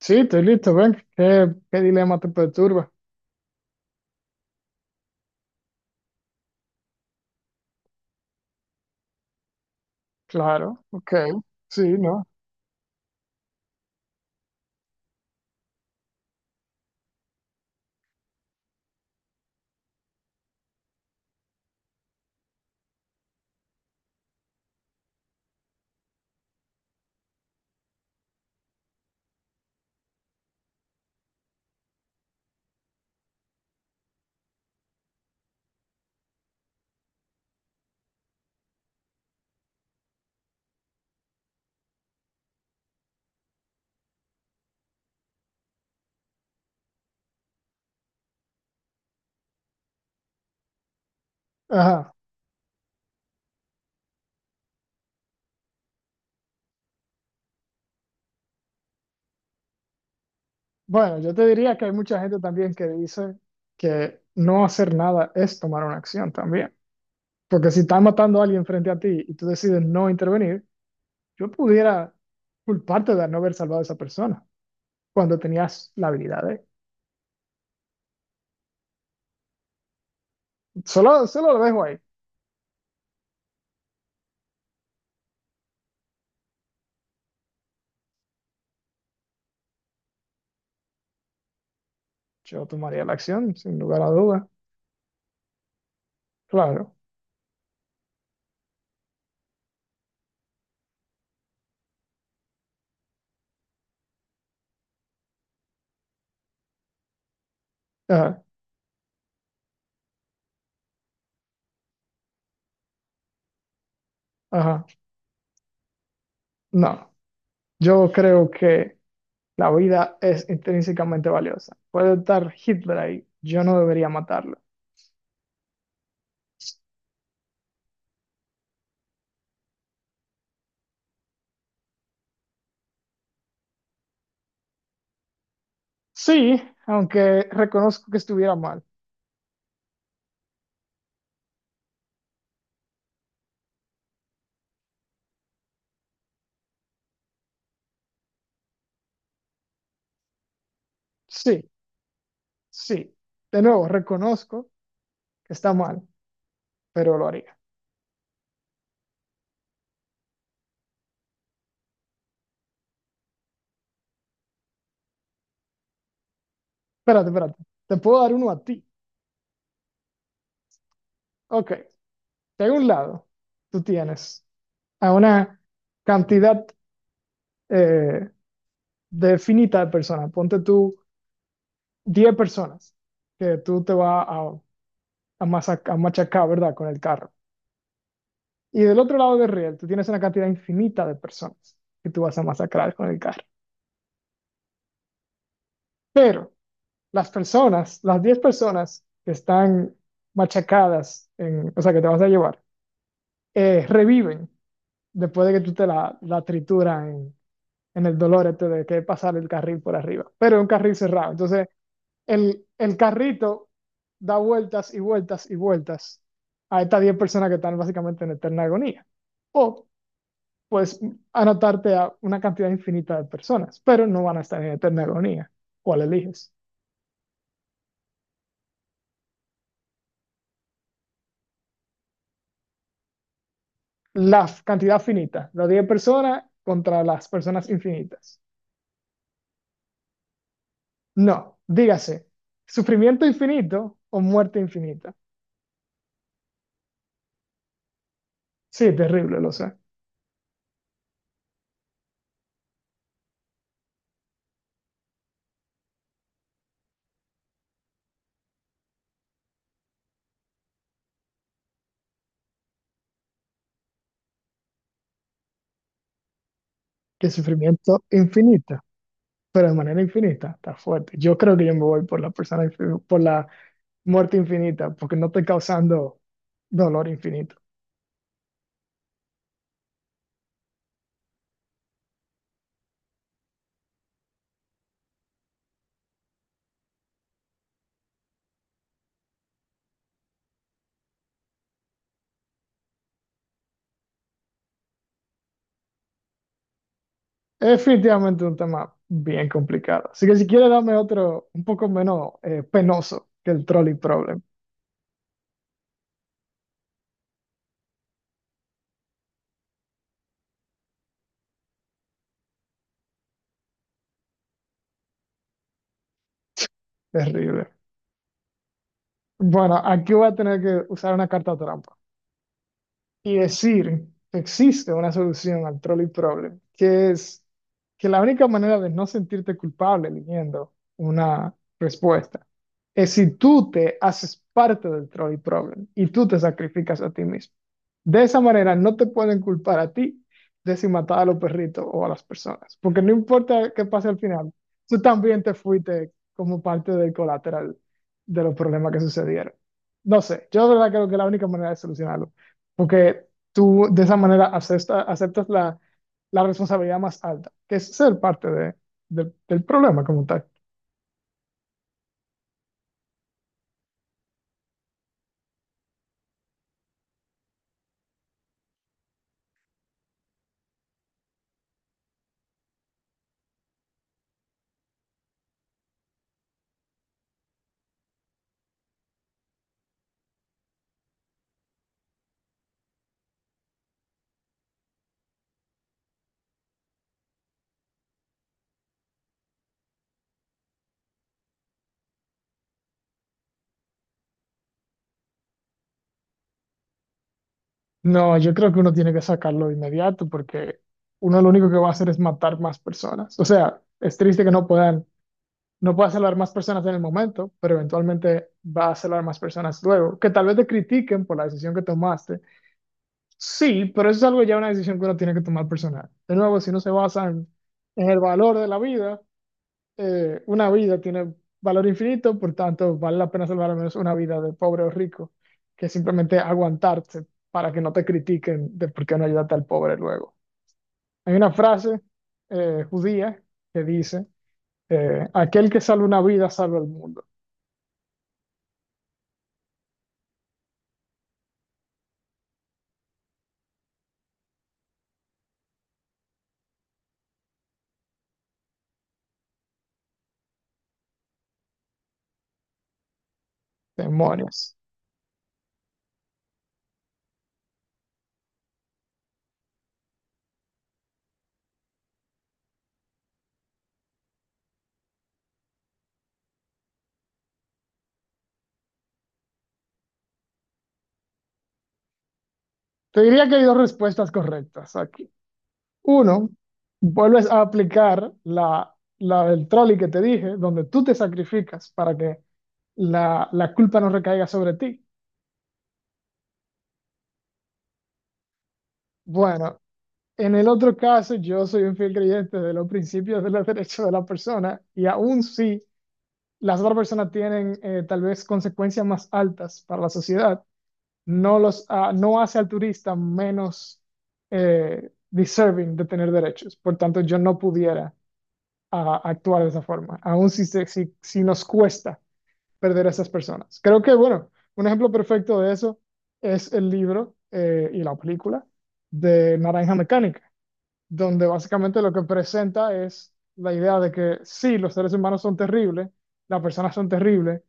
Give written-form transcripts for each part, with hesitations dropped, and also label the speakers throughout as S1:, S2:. S1: Sí, estoy listo, ven. ¿¿Qué dilema te perturba? Claro, ok. Sí, ¿no? Ajá. Bueno, yo te diría que hay mucha gente también que dice que no hacer nada es tomar una acción también. Porque si está matando a alguien frente a ti y tú decides no intervenir, yo pudiera culparte de no haber salvado a esa persona cuando tenías la habilidad de... Solo lo dejo ahí. Yo tomaría la acción, sin lugar a duda. Claro. Ajá, ajá. No, yo creo que... La vida es intrínsecamente valiosa. Puede estar Hitler ahí. Yo no debería matarlo. Sí, aunque reconozco que estuviera mal. Sí, sí. De nuevo, reconozco que está mal, pero lo haría. Espérate, espérate. Te puedo dar uno a ti. Ok. De un lado, tú tienes a una cantidad eh, definita de personas. Ponte tú 10 personas que tú te vas a machacar, ¿verdad? Con el carro. Y del otro lado del riel, tú tienes una cantidad infinita de personas que tú vas a masacrar con el carro. Pero las personas, las 10 personas que están machacadas, en, o sea, que te vas a llevar, reviven después de que tú te la trituras en el dolor este de que pasar el carril por arriba. Pero es un carril cerrado. Entonces, el carrito da vueltas y vueltas y vueltas a estas 10 personas que están básicamente en eterna agonía. O pues anotarte a una cantidad infinita de personas, pero no van a estar en eterna agonía. ¿Cuál eliges? La cantidad finita, las 10 personas contra las personas infinitas. No, dígase, sufrimiento infinito o muerte infinita. Sí, terrible, lo sé. Que sufrimiento infinita, pero de manera infinita, está fuerte. Yo creo que yo me voy por la persona, por la muerte infinita, porque no estoy causando dolor infinito. Es definitivamente un tema bien complicado. Así que si quieres dame otro un poco menos penoso que el trolley problem. Terrible. Bueno, aquí voy a tener que usar una carta trampa. Y decir que existe una solución al trolley problem, que es que la única manera de no sentirte culpable eligiendo una respuesta es si tú te haces parte del trolley problem y tú te sacrificas a ti mismo. De esa manera no te pueden culpar a ti de si matar a los perritos o a las personas, porque no importa qué pase al final, tú también te fuiste como parte del colateral de los problemas que sucedieron. No sé, yo de verdad creo que la única manera de solucionarlo porque tú de esa manera aceptas la responsabilidad más alta, que es ser parte del problema como tal. No, yo creo que uno tiene que sacarlo de inmediato porque uno lo único que va a hacer es matar más personas. O sea, es triste que no pueda salvar más personas en el momento, pero eventualmente va a salvar más personas luego. Que tal vez te critiquen por la decisión que tomaste. Sí, pero eso es algo ya una decisión que uno tiene que tomar personal. De nuevo, si no se basa en el valor de la vida, una vida tiene valor infinito, por tanto, vale la pena salvar al menos una vida de pobre o rico, que simplemente aguantarse para que no te critiquen de por qué no ayudaste al pobre luego. Hay una frase judía que dice, aquel que salva una vida salva el mundo. Demonios. Te diría que hay dos respuestas correctas aquí. Uno, vuelves a aplicar la del trolley que te dije, donde tú te sacrificas para que la culpa no recaiga sobre ti. Bueno, en el otro caso, yo soy un fiel creyente de los principios de los derechos de la persona y aún si las otras personas tienen tal vez consecuencias más altas para la sociedad, no hace al turista menos deserving de tener derechos. Por tanto, yo no pudiera actuar de esa forma, aún si nos cuesta perder a esas personas. Creo que, bueno, un ejemplo perfecto de eso es el libro y la película de Naranja Mecánica donde básicamente lo que presenta es la idea de que sí, los seres humanos son terribles, las personas son terribles,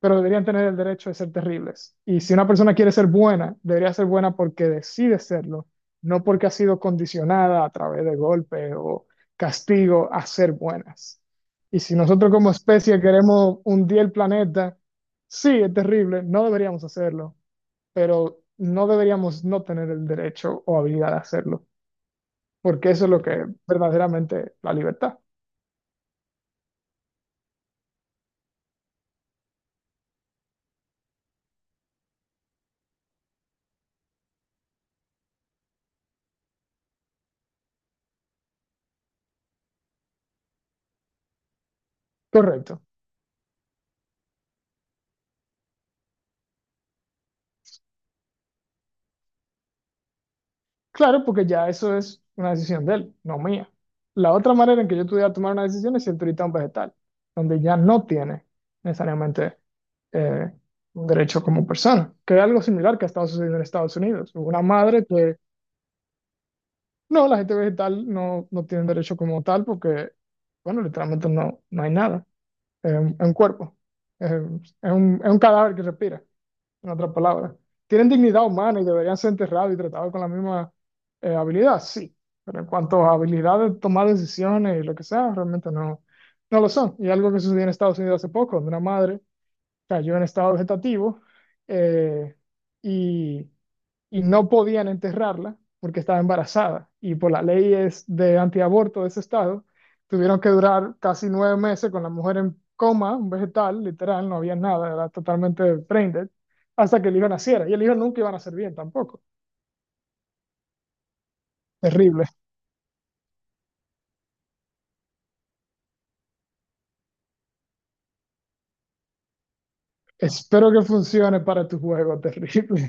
S1: pero deberían tener el derecho de ser terribles. Y si una persona quiere ser buena, debería ser buena porque decide serlo, no porque ha sido condicionada a través de golpes o castigo a ser buenas. Y si nosotros como especie queremos hundir el planeta, sí, es terrible, no deberíamos hacerlo, pero no deberíamos no tener el derecho o habilidad de hacerlo porque eso es lo que es verdaderamente la libertad. Correcto. Claro, porque ya eso es una decisión de él, no mía. La otra manera en que yo pudiera tomar una decisión es si ahorita un vegetal, donde ya no tiene necesariamente eh, un derecho como persona, que es algo similar que ha estado sucediendo en Estados Unidos. Hubo una madre que, no, la gente vegetal no tiene derecho como tal porque, bueno, literalmente no hay nada. Es es un cuerpo, es un cadáver que respira, en otras palabras. Tienen dignidad humana y deberían ser enterrados y tratados con la misma habilidad, sí, pero en cuanto a habilidades de tomar decisiones y lo que sea, realmente no lo son. Y algo que sucedió en Estados Unidos hace poco, donde una madre cayó en estado vegetativo eh, y y no podían enterrarla porque estaba embarazada y por las leyes de antiaborto de ese estado, tuvieron que durar casi 9 meses con la mujer en coma, un vegetal, literal, no había nada, era totalmente brain dead, hasta que el hijo naciera. Y el hijo nunca iba a nacer bien tampoco. Terrible. Espero que funcione para tu juego, terrible.